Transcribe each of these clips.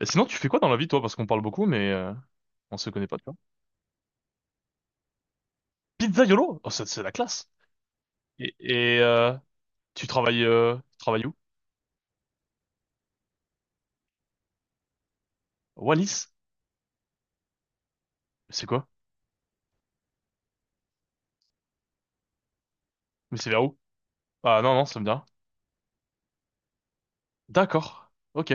Et sinon, tu fais quoi dans la vie, toi? Parce qu'on parle beaucoup, mais on se connaît pas, tu vois. Pizzaiolo? Oh, c'est la classe. Et, et, euh, tu travailles où? Wallis? C'est quoi? Mais c'est vers où? Ah non, non, ça me dit rien. D'accord. Ok.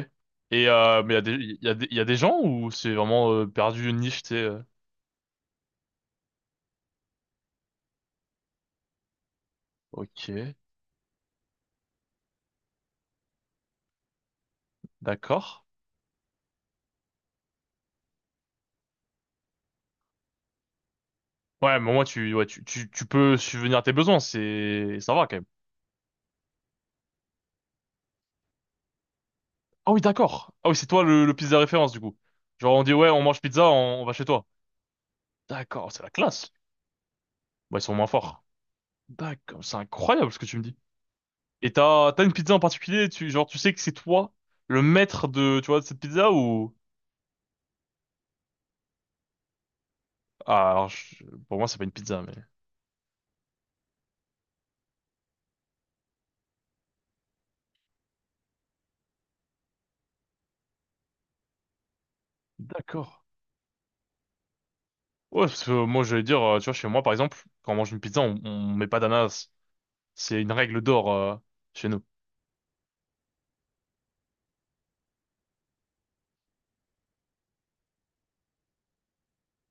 Mais il y a des gens ou c'est vraiment perdu une niche, tu sais. Ok. D'accord. Ouais, mais au moins tu, ouais, tu peux subvenir à tes besoins, ça va quand même. Ah oui, d'accord. Ah oui, c'est toi le pizza référence du coup. Genre on dit ouais, on mange pizza, on va chez toi. D'accord, c'est la classe. Bah, ils sont moins forts. D'accord, c'est incroyable ce que tu me dis. Et t'as une pizza en particulier, tu sais que c'est toi le maître de tu vois de cette pizza ou ah alors je- pour moi c'est pas une pizza mais d'accord. Ouais parce que moi j'allais dire tu vois chez moi par exemple quand on mange une pizza on met pas d'ananas, c'est une règle d'or chez nous.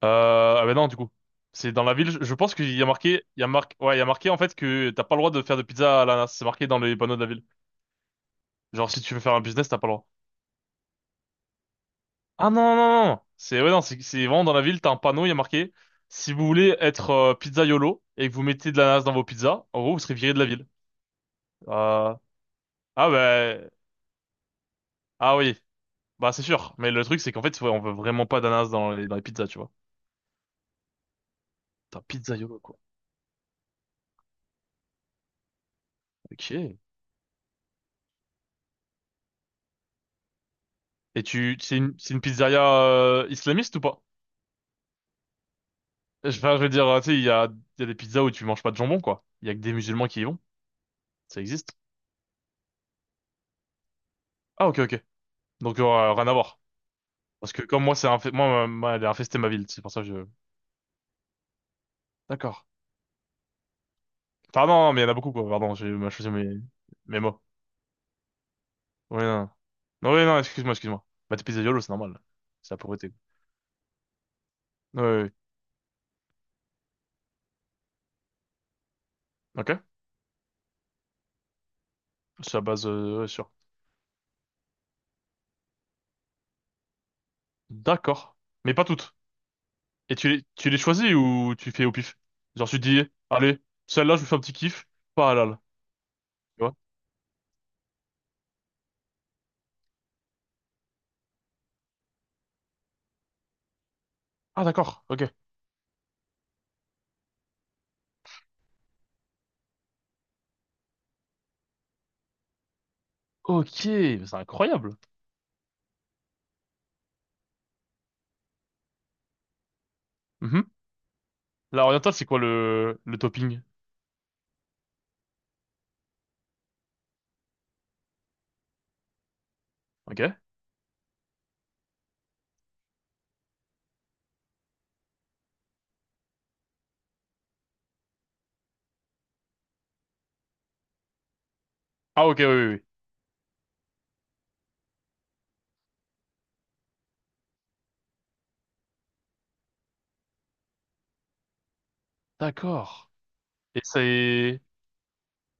Ah ben non du coup c'est dans la ville, je pense qu'il y a marqué il y a marqué en fait que t'as pas le droit de faire de pizza à l'ananas, c'est marqué dans les panneaux de la ville, genre si tu veux faire un business t'as pas le droit. Ah non, non, non, non. C'est ouais, non, c'est vraiment dans la ville, t'as un panneau, il y a marqué si vous voulez être pizzaiolo et que vous mettez de l'ananas dans vos pizzas, en gros, vous serez viré de la ville. Euh, Ah ben ah oui, bah c'est sûr. Mais le truc c'est qu'en fait, ouais, on veut vraiment pas d'ananas dans les pizzas, tu vois. T'as un pizzaiolo quoi. Ok. Et tu c'est une pizzeria islamiste ou pas? Je veux dire, tu sais, il y a des pizzas où tu manges pas de jambon quoi. Il y a que des musulmans qui y vont. Ça existe. Ah ok, ok. Donc rien à voir. Parce que comme moi c'est infesté, moi elle est infestée ma ville, c'est pour ça que je D'accord. Enfin, non, non, mais il y en a beaucoup, quoi. Pardon, j'ai mal choisi mes mots. Oui, non. Non, oui, non, excuse-moi, excuse-moi. Bah, t'es pizzaïolo, c'est normal. C'est la pauvreté. Oui, oui, oui. Ok. C'est la base, ouais, sûr. D'accord. Mais pas toutes. Et tu les choisis ou tu fais au pif? Genre, tu te dis, allez, celle-là, je vous fais un petit kiff. Pas halal. Tu vois? Ah, d'accord. Ok. Ok. Mais c'est incroyable. Mhm. La orientale, c'est quoi le topping? Ok. Ah, ok, oui, oui, oui. D'accord. Et c'est,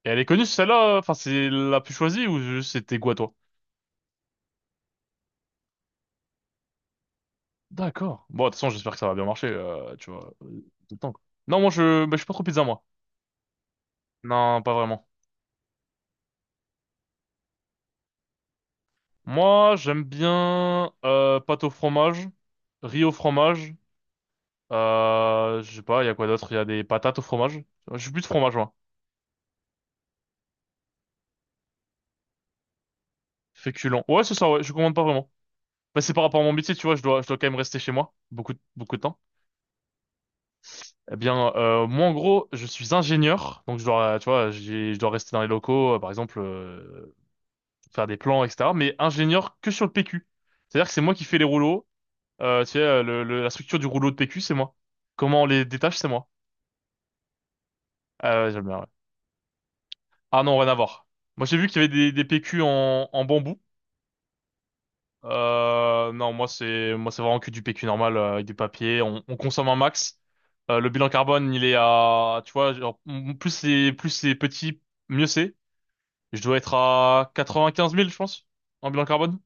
et elle est connue celle-là, enfin c'est la plus choisie ou juste c'était quoi toi? D'accord. Bon, de toute façon, j'espère que ça va bien marcher, tu vois, tout le temps, quoi. Non, bah, je suis pas trop pizza moi. Non, pas vraiment. Moi, j'aime bien pâte au fromage, riz au fromage. Je sais pas, il y a quoi d'autre? Il y a des patates au fromage. Je suis plus de fromage, moi. Féculent. Ouais, c'est ça, ouais, je commande pas vraiment. Bah, c'est par rapport à mon métier, tu vois, je dois quand même rester chez moi beaucoup, beaucoup de temps. Eh bien, moi, en gros, je suis ingénieur, donc je dois, tu vois, je dois rester dans les locaux, par exemple, faire des plans, etc. Mais ingénieur que sur le PQ. C'est-à-dire que c'est moi qui fais les rouleaux. Tu sais, la structure du rouleau de PQ, c'est moi. Comment on les détache, c'est moi. Ah ouais, j'aime bien, ouais. Ah non, rien à voir. Moi, j'ai vu qu'il y avait des PQ en bambou. Non, moi, c'est vraiment que du PQ normal, avec du papier. On consomme un max. Le bilan carbone, il est à, tu vois, genre, plus plus c'est petit, mieux c'est. Je dois être à 95 000, je pense, en bilan carbone.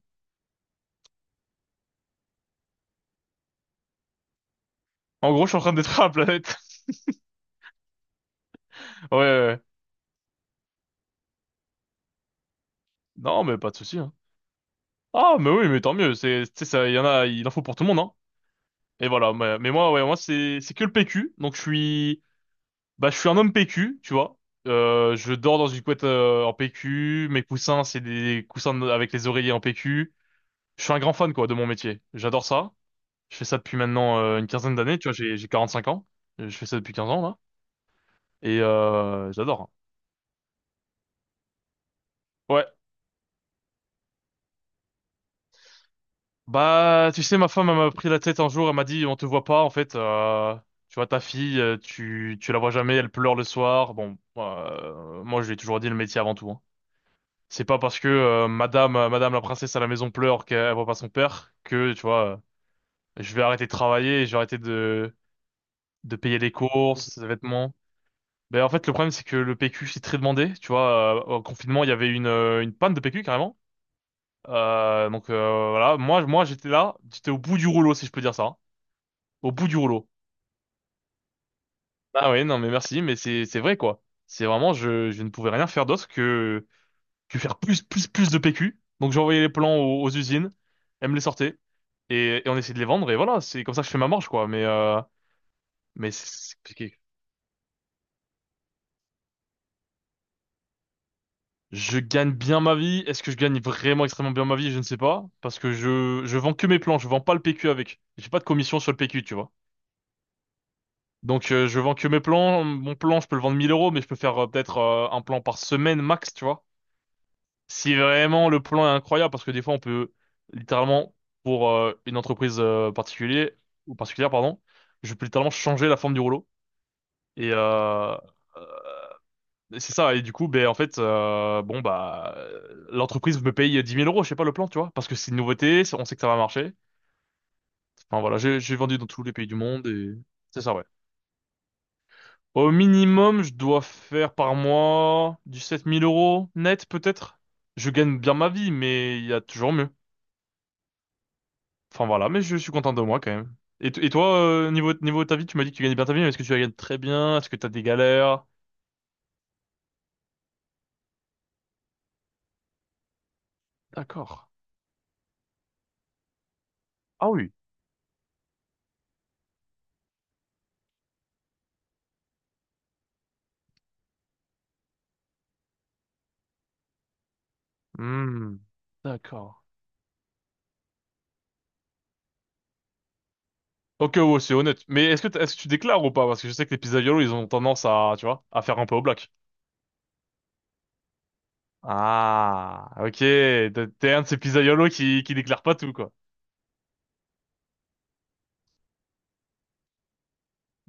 En gros, je suis en train de détruire la planète. Ouais, ouais, ouais. Non, mais pas de souci, hein. Ah, mais oui, mais tant mieux. C'est, tu sais, ça, il y en a, il en faut pour tout le monde, hein. Et voilà. Mais, moi, c'est que le PQ. Donc, je suis, bah, je suis un homme PQ, tu vois. Je dors dans une couette en PQ. Mes coussins, c'est des coussins avec les oreillers en PQ. Je suis un grand fan, quoi, de mon métier. J'adore ça. Je fais ça depuis maintenant une 15aine d'années. Tu vois, j'ai 45 ans. Je fais ça depuis 15 ans, là. Et j'adore, hein. Ouais. Bah, tu sais, ma femme, elle m'a pris la tête un jour, elle m'a dit, on te voit pas, en fait, tu vois, ta fille, tu la vois jamais, elle pleure le soir. Bon, moi, je lui ai toujours dit le métier avant tout, hein. C'est pas parce que madame la princesse à la maison pleure qu'elle voit pas son père que, tu vois, je vais arrêter de travailler, et je vais arrêter de payer les courses, les vêtements. Ben, en fait, le problème, c'est que le PQ, c'est très demandé, tu vois, au confinement, il y avait une panne de PQ, carrément. Donc, voilà, moi, j'étais là, j'étais au bout du rouleau, si je peux dire ça, hein. Au bout du rouleau. Ah ouais, non, mais merci, mais c'est vrai quoi. C'est vraiment, je ne pouvais rien faire d'autre que faire plus plus de PQ. Donc j'envoyais les plans aux usines, elles me les sortaient et on essayait de les vendre et voilà, c'est comme ça que je fais ma marge quoi. Mais c'est compliqué. Je gagne bien ma vie. Est-ce que je gagne vraiment extrêmement bien ma vie? Je ne sais pas parce que je vends que mes plans. Je vends pas le PQ avec. J'ai pas de commission sur le PQ, tu vois. Donc je vends que mes plans. Mon plan, je peux le vendre 1 000 euros, mais je peux faire peut-être un plan par semaine max, tu vois. Si vraiment le plan est incroyable, parce que des fois on peut littéralement, pour une entreprise particulière, ou particulière, pardon, je peux littéralement changer la forme du rouleau. Et euh, c'est ça, et du coup, ben en fait, l'entreprise me paye 10 000 euros, je sais pas le plan, tu vois, parce que c'est une nouveauté, on sait que ça va marcher. Enfin voilà, j'ai vendu dans tous les pays du monde et c'est ça, ouais. Au minimum, je dois faire par mois du 7 000 euros net peut-être. Je gagne bien ma vie, mais il y a toujours mieux. Enfin voilà, mais je suis content de moi quand même. Et, et toi, niveau de ta vie, tu m'as dit que tu gagnais bien ta vie, mais est-ce que tu la gagnes très bien? Est-ce que t'as des galères? D'accord. Ah oui. Hmm. D'accord. Ok, ouais, c'est honnête. Mais est-ce que, est-ce que tu déclares ou pas? Parce que je sais que les pizzaiolos, ils ont tendance à, tu vois, à faire un peu au black. Ah, ok. T'es un de ces pizzaiolos qui déclare pas tout, quoi.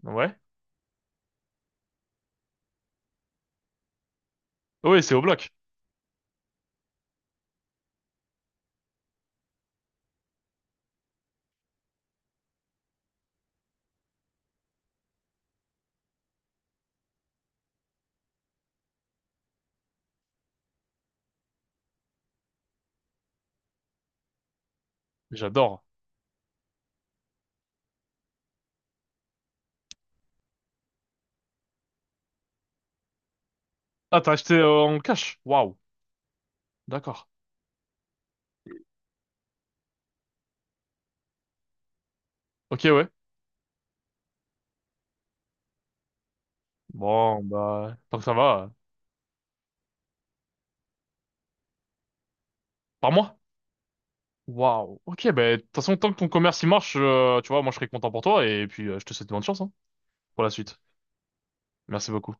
Ouais. Oui, c'est au bloc. J'adore. Ah, t'as acheté en cash? Waouh. D'accord. Ok, ouais. Bon, bah, tant que ça va, par mois? Waouh. Ok, ben, de toute façon, tant que ton commerce il marche, tu vois, moi je serai content pour toi et puis je te souhaite bonne chance hein, pour la suite. Merci beaucoup.